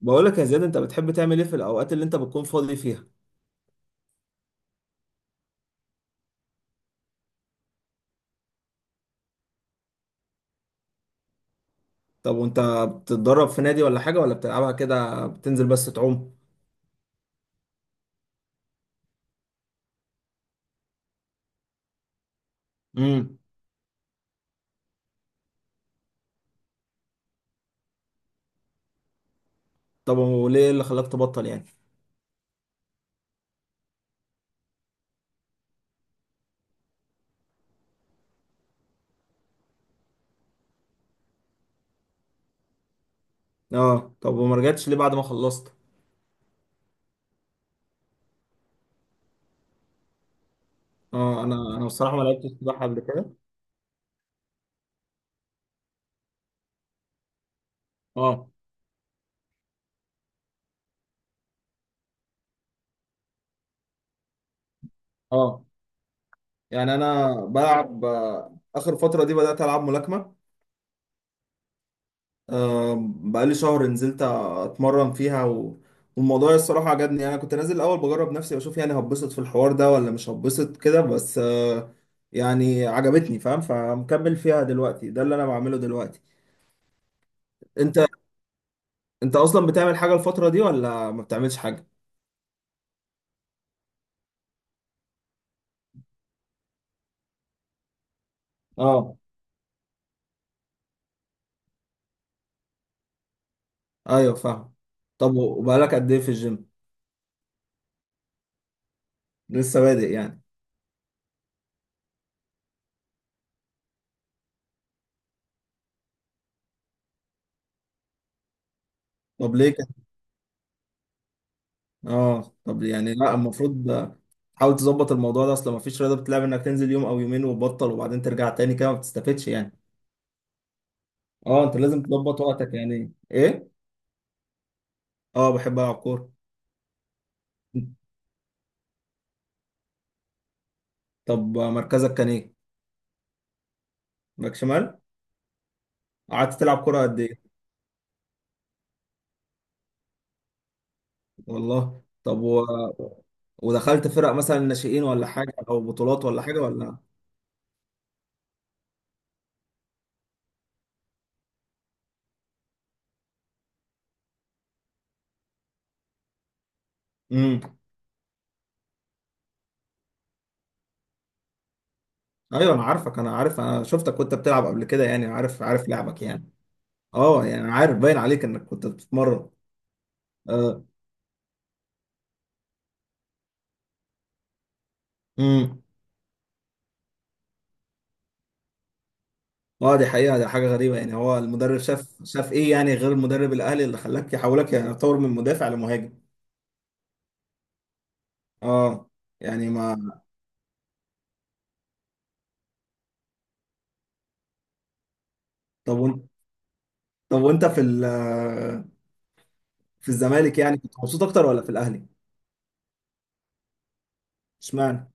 بقول لك يا زياد، انت بتحب تعمل ايه في الاوقات اللي انت بتكون فاضي فيها؟ طب وانت بتتدرب في نادي ولا حاجه، ولا بتلعبها كده بتنزل بس تعوم؟ امم. طب وليه اللي خلاك تبطل يعني؟ اه، طب وما رجعتش ليه بعد ما خلصت؟ اه، انا بصراحه ما لعبتش سباحه قبل كده. اه. اه يعني انا بلعب، اخر فتره دي بدات العب ملاكمه. بقالي شهر نزلت اتمرن فيها والموضوع الصراحة عجبني. يعني انا كنت نازل الاول بجرب نفسي واشوف يعني هتبسط في الحوار ده ولا مش هتبسط كده، بس يعني عجبتني، فاهم؟ فمكمل فيها دلوقتي، ده اللي انا بعمله دلوقتي. انت انت اصلا بتعمل حاجة الفترة دي ولا ما بتعملش حاجة؟ اه. ايوه فاهم. طب وبقالك قد ايه في الجيم؟ لسه بادئ يعني؟ طب ليه؟ اه، طب يعني لا، المفروض حاول تظبط الموضوع ده، اصل مفيش رياضه بتلعب انك تنزل يوم او يومين وتبطل وبعدين ترجع تاني، كده ما بتستفدش يعني. اه، انت لازم تظبط وقتك يعني. ايه؟ اه بحب العب كوره. طب مركزك كان ايه؟ باك شمال. قعدت تلعب كوره قد ايه؟ والله طب ودخلت فرق مثلا ناشئين ولا حاجه، او بطولات ولا حاجه ولا؟ امم. ايوه انا عارفك، انا عارف، انا شفتك وانت بتلعب قبل كده، يعني عارف، عارف لعبك يعني. اه يعني عارف، باين عليك انك كنت بتتمرن. آه. امم. اه دي حقيقة، دي حاجة غريبة يعني. هو المدرب شاف، شاف ايه يعني، غير المدرب الاهلي، اللي خلاك يحولك يعني، يتطور من مدافع لمهاجم؟ اه يعني. ما طب وانت، طب وانت في ال، في الزمالك يعني كنت مبسوط اكتر ولا في الاهلي؟ اشمعنى؟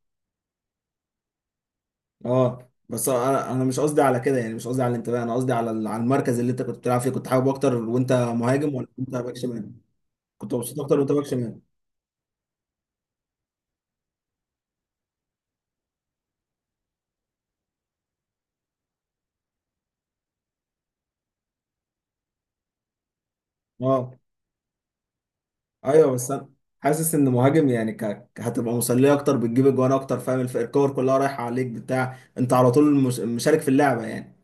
اه بس انا مش قصدي على كده يعني، مش قصدي على الانتماء، انا قصدي على ال، على المركز اللي انت كنت بتلعب فيه، كنت حابب اكتر وانت مهاجم ولا كنت باك شمال؟ كنت مبسوط اكتر وانت باك شمال. اه. ايوه بس انا حاسس ان مهاجم يعني ك... ك- هتبقى مسليه اكتر، بتجيب اجوان اكتر، فاهم؟ الف- الكور كلها رايحه عليك بتاع، انت على طول مش... مشارك في اللعبه يعني.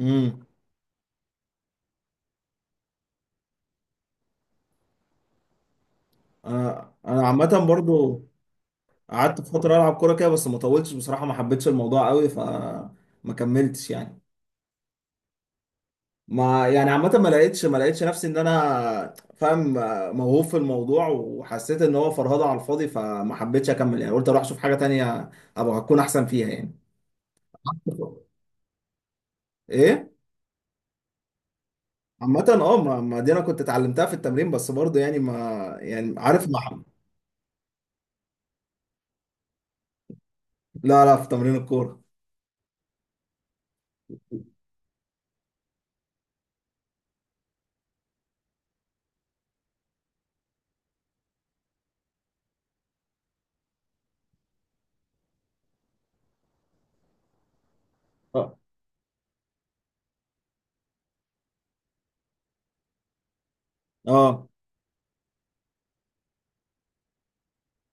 امم. انا انا عامه برضو قعدت فتره العب كوره كده، بس ما طولتش بصراحه، ما حبيتش الموضوع قوي، ف ما كملتش يعني. ما يعني عامه ما لقيتش، ما لقيتش نفسي ان انا فاهم موهوب في الموضوع، وحسيت ان هو فرهده على الفاضي، فما حبيتش اكمل يعني، قلت اروح اشوف حاجه تانية ابقى اكون احسن فيها يعني. ايه. عامة اه، ما ما دي انا كنت اتعلمتها في التمرين، بس برضه يعني ما، يعني عارف ما. لا لا، في تمرين الكورة. اه. اه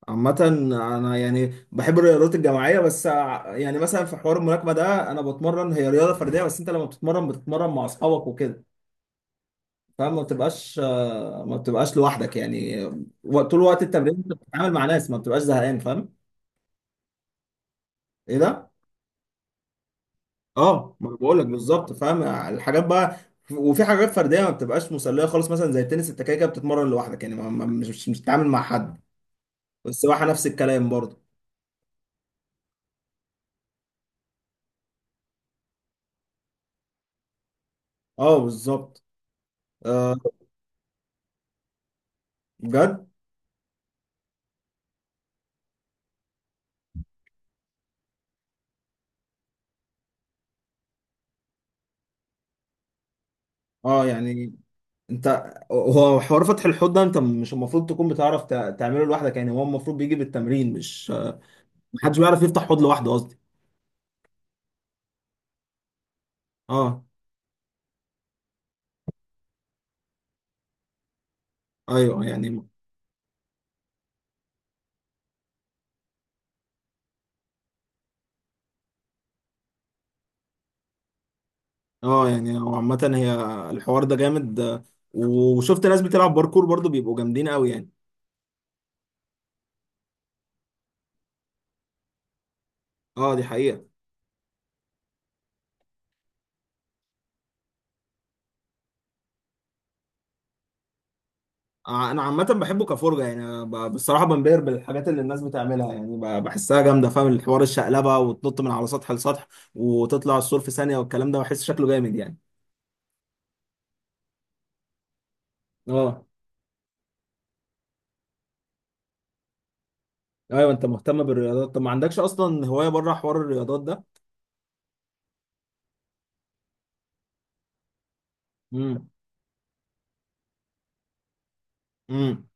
عامة انا يعني بحب الرياضات الجماعية، بس ع- يعني مثلا في حوار الملاكمة ده انا بتمرن، هي رياضة فردية بس انت لما بتتمرن بتتمرن مع اصحابك وكده، فما بتبقاش، ما بتبقاش لوحدك يعني. و- طول وقت التمرين انت بتتعامل مع ناس، ما بتبقاش زهقان، فاهم؟ ايه ده؟ اه ما بقول لك بالظبط، فاهم الحاجات بقى. وفي حاجات فرديه ما بتبقاش مسليه خالص، مثلا زي التنس انت كده كده بتتمرن لوحدك يعني، ما ما- مش مش مش بتتعامل مع حد. والسباحه نفس الكلام برضه. اه بالظبط. آه. بجد؟ اه يعني انت، هو حوار فتح الحوض ده انت مش المفروض تكون بتعرف تع- تعمله لوحدك يعني، هو المفروض بيجي بالتمرين، مش محدش بيعرف يفتح حوض لوحده، قصدي. اه. ايوه يعني. اه يعني هو عامه هي الحوار ده جامد. وشفت ناس بتلعب باركور برضه، بيبقوا جامدين قوي يعني. اه دي حقيقة. انا عامة بحبه كفرجة يعني. أنا ب- بصراحة بنبهر بالحاجات اللي الناس بتعملها يعني، ب- بحسها جامدة، فاهم الحوار؟ الشقلبة وتنط من على سطح لسطح، وتطلع السور في ثانية، والكلام ده بحس شكله جامد يعني. اه. ايوه انت مهتم بالرياضات. طب ما عندكش اصلا هواية بره حوار الرياضات ده؟ امم. امم.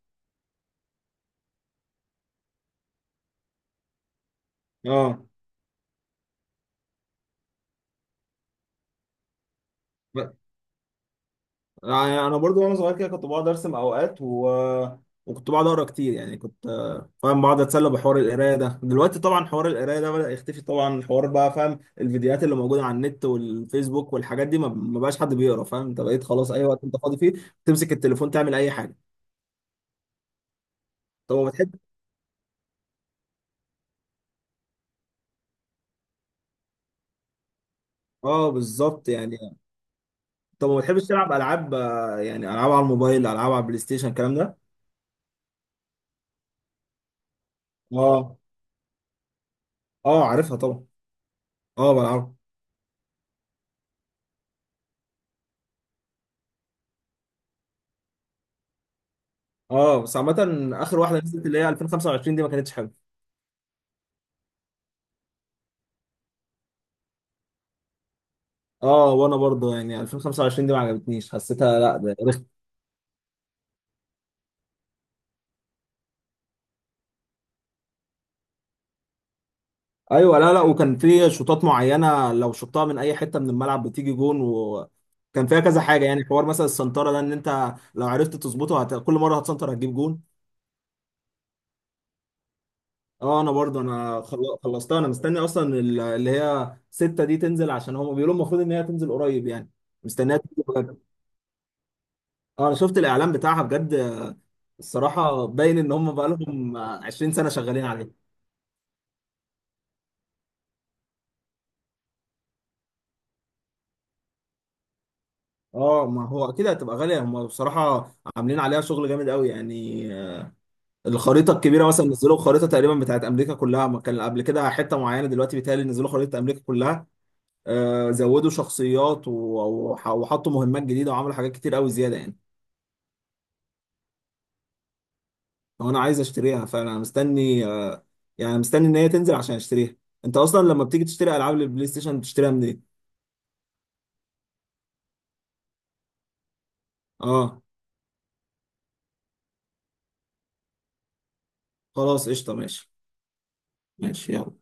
اه يعني انا برضو وانا صغير كده كنت بقعد ارسم اوقات وكنت بقعد اقرا كتير يعني. كنت، فاهم، بقعد اتسلى بحوار القرايه ده. دلوقتي طبعا حوار القرايه ده بدأ يختفي طبعا، حوار بقى فاهم، الفيديوهات اللي موجوده على النت والفيسبوك والحاجات دي، ما ما بقاش حد بيقرا، فاهم؟ انت بقيت خلاص اي وقت انت فاضي فيه تمسك التليفون تعمل اي حاجه. طب ما بتحب، اه بالظبط يعني. طب ما بتحبش تلعب العاب، يعني العاب على الموبايل، العاب على البلاي ستيشن، الكلام ده؟ اه. اه عارفها طبعا. اه بلعبها. اه بس عامه اخر واحده نزلت اللي هي 2025 دي ما كانتش حلوه. اه وانا برضه يعني 2025 دي ما عجبتنيش، حسيتها لا ده رخ. ايوه لا لا، وكان في شوطات معينه لو شطها من اي حته من الملعب بتيجي جون، وكان فيها كذا حاجه يعني، حوار مثلا السنتره ده ان انت لو عرفت تظبطه هت... كل مره هتسنتر هتجيب جون. اه انا برضه انا خل... خلصتها. انا مستني اصلا ال- اللي هي ستة دي تنزل، عشان هم بيقولوا المفروض ان هي تنزل قريب يعني، مستنيها تنزل قريب. اه انا شفت الاعلان بتاعها بجد. الصراحه باين ان هم بقى لهم 20 سنه شغالين. اه ما هو اكيد هتبقى غاليه. هم بصراحه عاملين عليها شغل جامد قوي يعني. الخريطه الكبيره مثلا، نزلوا خريطه تقريبا بتاعت امريكا كلها، ما كان قبل كده حته معينه، دلوقتي بيتهيألي نزلوا خريطه امريكا كلها. آه زودوا شخصيات و- وح- وحطوا مهمات جديده وعملوا حاجات كتير قوي زياده يعني. فانا عايز اشتريها، فانا مستني آه، يعني مستني ان هي تنزل عشان اشتريها. انت اصلا لما بتيجي تشتري العاب للبلاي ستيشن بتشتريها منين؟ اه. خلاص قشطه ماشي. ماشي يلا.